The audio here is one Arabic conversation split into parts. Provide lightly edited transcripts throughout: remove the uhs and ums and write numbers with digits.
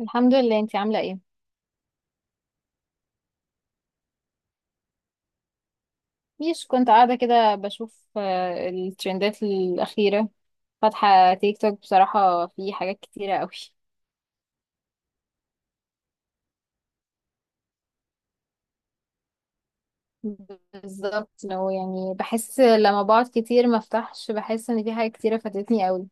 الحمد لله، انتي عاملة ايه؟ مش كنت قاعدة كده بشوف الترندات الأخيرة. فاتحة تيك توك، بصراحة في حاجات كتيرة قوي. بالظبط، لو يعني بحس لما بقعد كتير ما افتحش، بحس ان في حاجات كتيرة فاتتني قوي.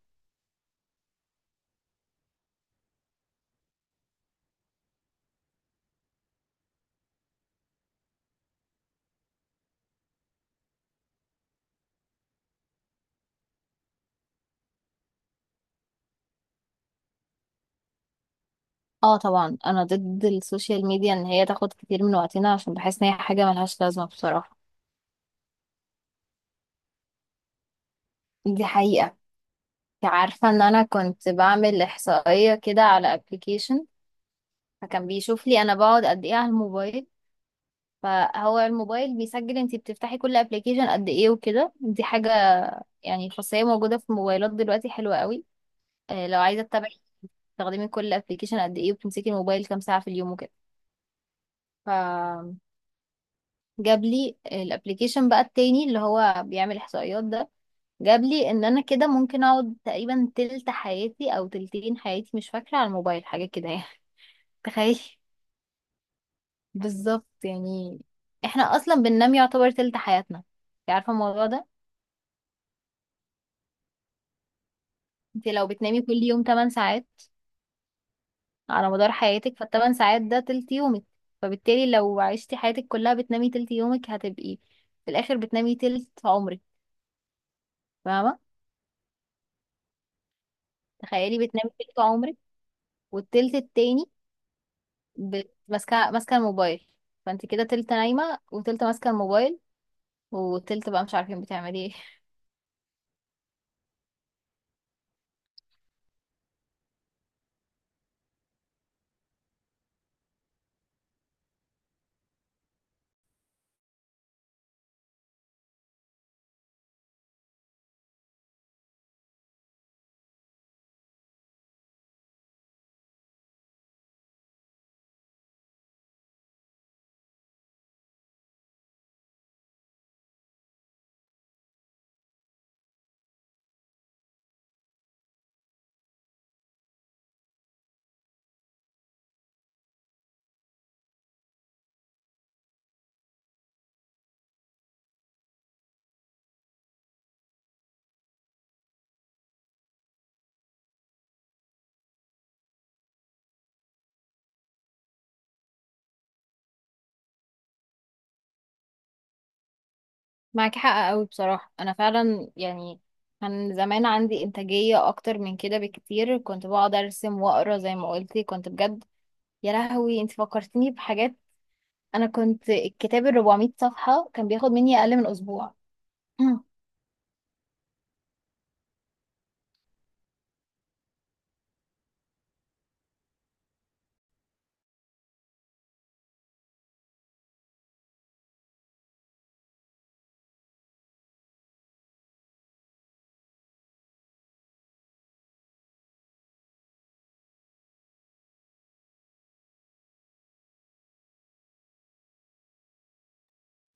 اه طبعا، انا ضد السوشيال ميديا ان هي تاخد كتير من وقتنا، عشان بحس ان هي حاجة ملهاش لازمة بصراحة. دي حقيقة. انت عارفة ان انا كنت بعمل احصائية كده على ابلكيشن، فكان بيشوف لي انا بقعد قد ايه على الموبايل. فهو الموبايل بيسجل انتي بتفتحي كل ابلكيشن قد ايه وكده، دي حاجة يعني خاصية موجودة في موبايلات دلوقتي حلوة قوي. لو عايزة تتابعي تستخدمي كل ابلكيشن قد ايه وبتمسكي الموبايل كام ساعة في اليوم وكده، فجاب لي الابلكيشن بقى التاني اللي هو بيعمل احصائيات ده، جاب لي ان انا كده ممكن اقعد تقريبا تلت حياتي او تلتين حياتي، مش فاكرة، على الموبايل حاجة كده يعني. تخيلي. بالظبط يعني، احنا اصلا بننام يعتبر تلت حياتنا، انتي عارفة الموضوع ده؟ انت لو بتنامي كل يوم 8 ساعات على مدار حياتك، فالثمان ساعات ده تلت يومك، فبالتالي لو عشتي حياتك كلها بتنامي تلت يومك، هتبقي في الاخر بتنامي تلت عمرك، فاهمه؟ تخيلي بتنامي تلت عمرك، والتلت التاني ماسكه الموبايل. فانت كده تلت نايمه وتلت ماسكه الموبايل، وتلت بقى مش عارفين بتعملي ايه. معاكي حق قوي بصراحه، انا فعلا يعني كان زمان عندي إنتاجية أكتر من كده بكتير، كنت بقعد أرسم وأقرأ زي ما قلتي، كنت بجد. يا لهوي، انت فكرتني بحاجات. انا كنت الكتاب ال 400 صفحة كان بياخد مني اقل من اسبوع. مم.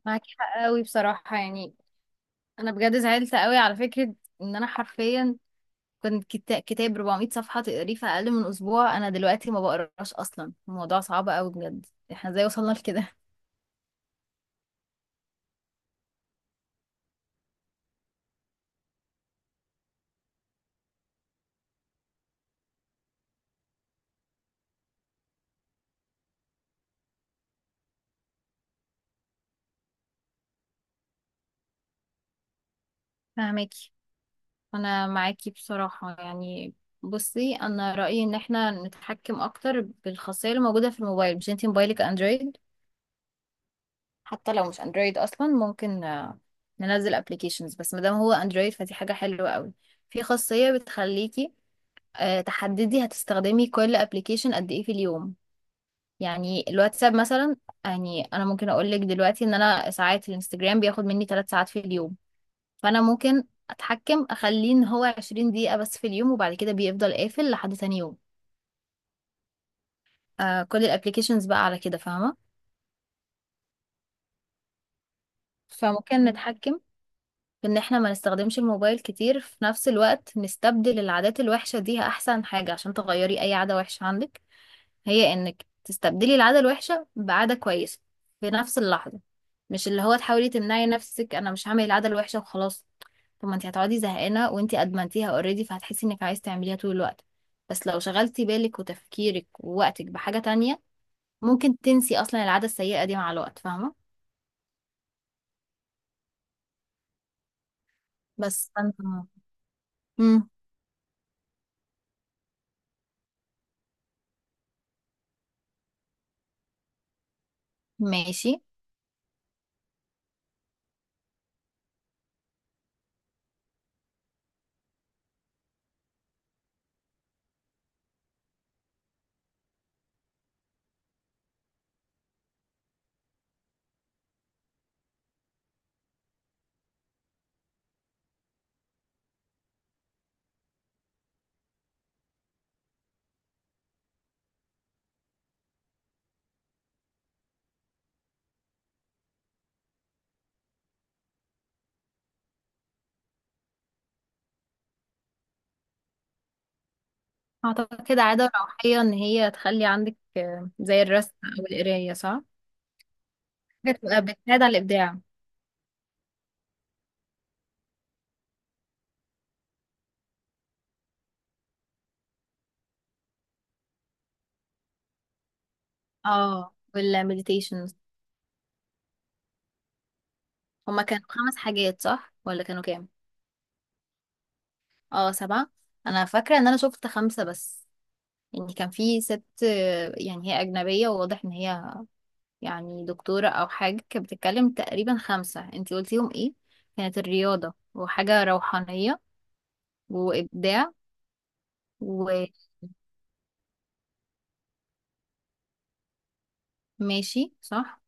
معاكي حق قوي بصراحة يعني، أنا بجد زعلت قوي على فكرة إن أنا حرفيا كنت كتاب 400 صفحة تقريه في أقل من أسبوع. أنا دلوقتي ما بقراش أصلا، الموضوع صعب قوي بجد. احنا ازاي وصلنا لكده؟ فهماكي. أنا معاكي بصراحة يعني. بصي، أنا رأيي إن احنا نتحكم أكتر بالخاصية اللي موجودة في الموبايل. مش انتي موبايلك أندرويد؟ حتى لو مش اندرويد اصلا ممكن ننزل ابلكيشنز، بس مادام هو اندرويد فدي حاجه حلوه قوي. في خاصيه بتخليكي تحددي هتستخدمي كل ابلكيشن قد ايه في اليوم. يعني الواتساب مثلا، يعني انا ممكن اقول لك دلوقتي ان انا ساعات الانستجرام بياخد مني 3 ساعات في اليوم. فانا ممكن اتحكم اخليه ان هو 20 دقيقه بس في اليوم، وبعد كده بيفضل قافل لحد تاني يوم. كل الابلكيشنز بقى على كده، فاهمه؟ فممكن نتحكم ان احنا ما نستخدمش الموبايل كتير. في نفس الوقت نستبدل العادات الوحشة دي، احسن حاجة عشان تغيري اي عادة وحشة عندك هي انك تستبدلي العادة الوحشة بعادة كويسة في نفس اللحظة، مش اللي هو تحاولي تمنعي نفسك انا مش هعمل العادة الوحشة وخلاص. طب ما انت هتقعدي زهقانة وانت ادمنتيها اوريدي، فهتحسي انك عايز تعمليها طول الوقت. بس لو شغلتي بالك وتفكيرك ووقتك بحاجة تانية، ممكن تنسي اصلا العادة السيئة دي مع الوقت، فاهمة؟ بس فانت. مم. ماشي. اعتقد عادة روحية ان هي تخلي عندك زي الرسم او القراية، صح؟ بتبقى بتساعد على الابداع. اه، والمديتيشن. هما كانوا خمس حاجات، صح؟ ولا كانوا كام؟ اه، سبعة. انا فاكرة ان انا شفت خمسة بس. يعني كان في ست، يعني هي اجنبية وواضح ان هي يعني دكتورة او حاجة، كانت بتتكلم تقريبا خمسة. انتي قلتيهم ايه؟ كانت الرياضة وحاجة روحانية وابداع، وماشي، صح؟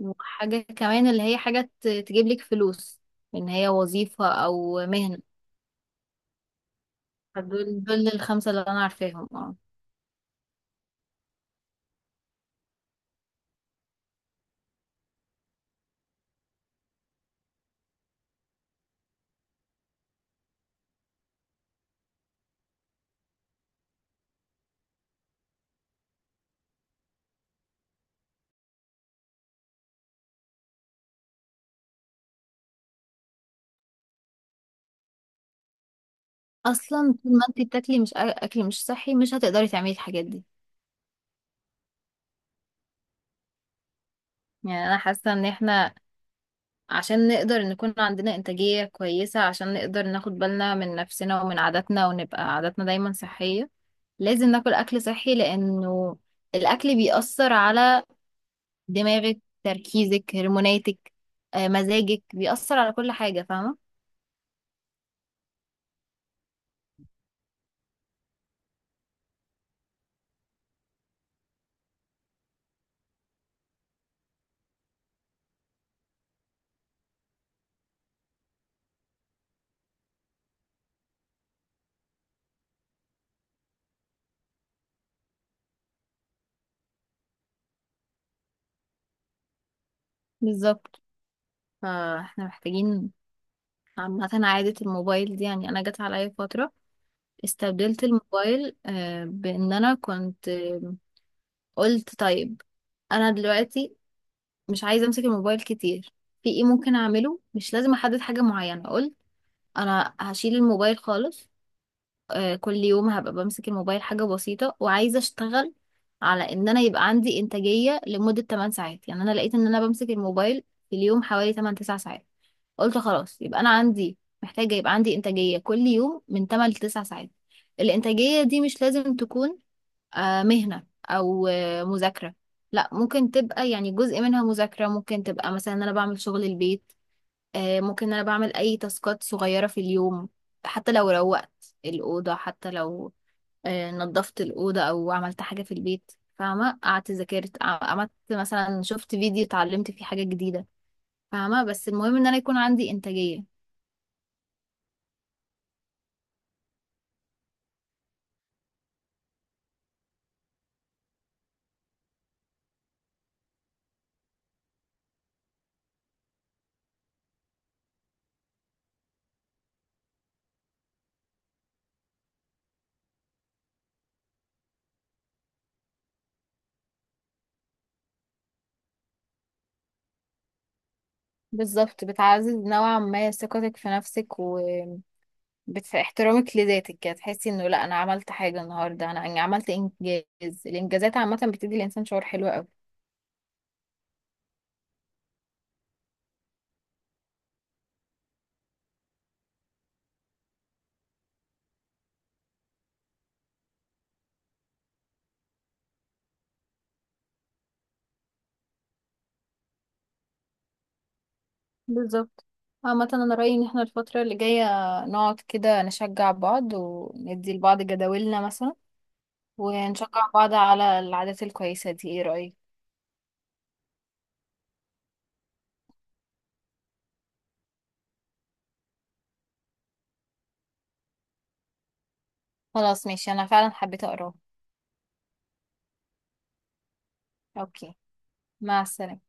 وحاجة كمان اللي هي حاجة تجيب لك فلوس، ان هي وظيفة او مهنة. فدول الخمسة اللي انا عارفاهم اه. اصلا طول ما انت بتاكلي مش اكل مش صحي، مش هتقدري تعملي الحاجات دي. يعني انا حاسة ان احنا عشان نقدر نكون عندنا انتاجية كويسة، عشان نقدر ناخد بالنا من نفسنا ومن عاداتنا ونبقى عاداتنا دايما صحية، لازم ناكل اكل صحي، لانه الاكل بيأثر على دماغك، تركيزك، هرموناتك، مزاجك، بيأثر على كل حاجة، فاهمة؟ بالظبط. فاحنا محتاجين عامة عادة الموبايل دي، يعني أنا جت عليا فترة استبدلت الموبايل بإن أنا كنت قلت طيب، أنا دلوقتي مش عايزة أمسك الموبايل كتير. في إيه ممكن أعمله؟ مش لازم أحدد حاجة معينة. قلت أنا هشيل الموبايل خالص. كل يوم هبقى بمسك الموبايل حاجة بسيطة، وعايزة اشتغل على ان انا يبقى عندي انتاجية لمدة 8 ساعات. يعني انا لقيت ان انا بمسك الموبايل في اليوم حوالي 8 9 ساعات. قلت خلاص، يبقى انا عندي، محتاجة يبقى عندي انتاجية كل يوم من 8 ل 9 ساعات. الانتاجية دي مش لازم تكون مهنة او مذاكرة. لا، ممكن تبقى يعني جزء منها مذاكرة، ممكن تبقى مثلا ان انا بعمل شغل البيت. ممكن انا بعمل اي تاسكات صغيرة في اليوم، حتى لو روقت الأوضة، حتى لو نظفت الأوضة او عملت حاجة في البيت. فاهمة، قعدت ذاكرت، عملت مثلا شفت فيديو اتعلمت فيه حاجة جديدة. فاهمة، بس المهم ان انا يكون عندي إنتاجية. بالظبط، بتعزز نوعا ما ثقتك في نفسك وباحترامك لذاتك كده، تحسي انه لا انا عملت حاجة النهاردة. أنا عملت انجاز، الانجازات عامة بتدي الانسان شعور حلو قوي. بالظبط. عامة أنا رأيي إن احنا الفترة اللي جاية نقعد كده نشجع بعض، وندي لبعض جداولنا مثلا، ونشجع بعض على العادات الكويسة دي. ايه رأيك؟ خلاص ماشي، أنا فعلا حبيت أقراه. أوكي، مع السلامة.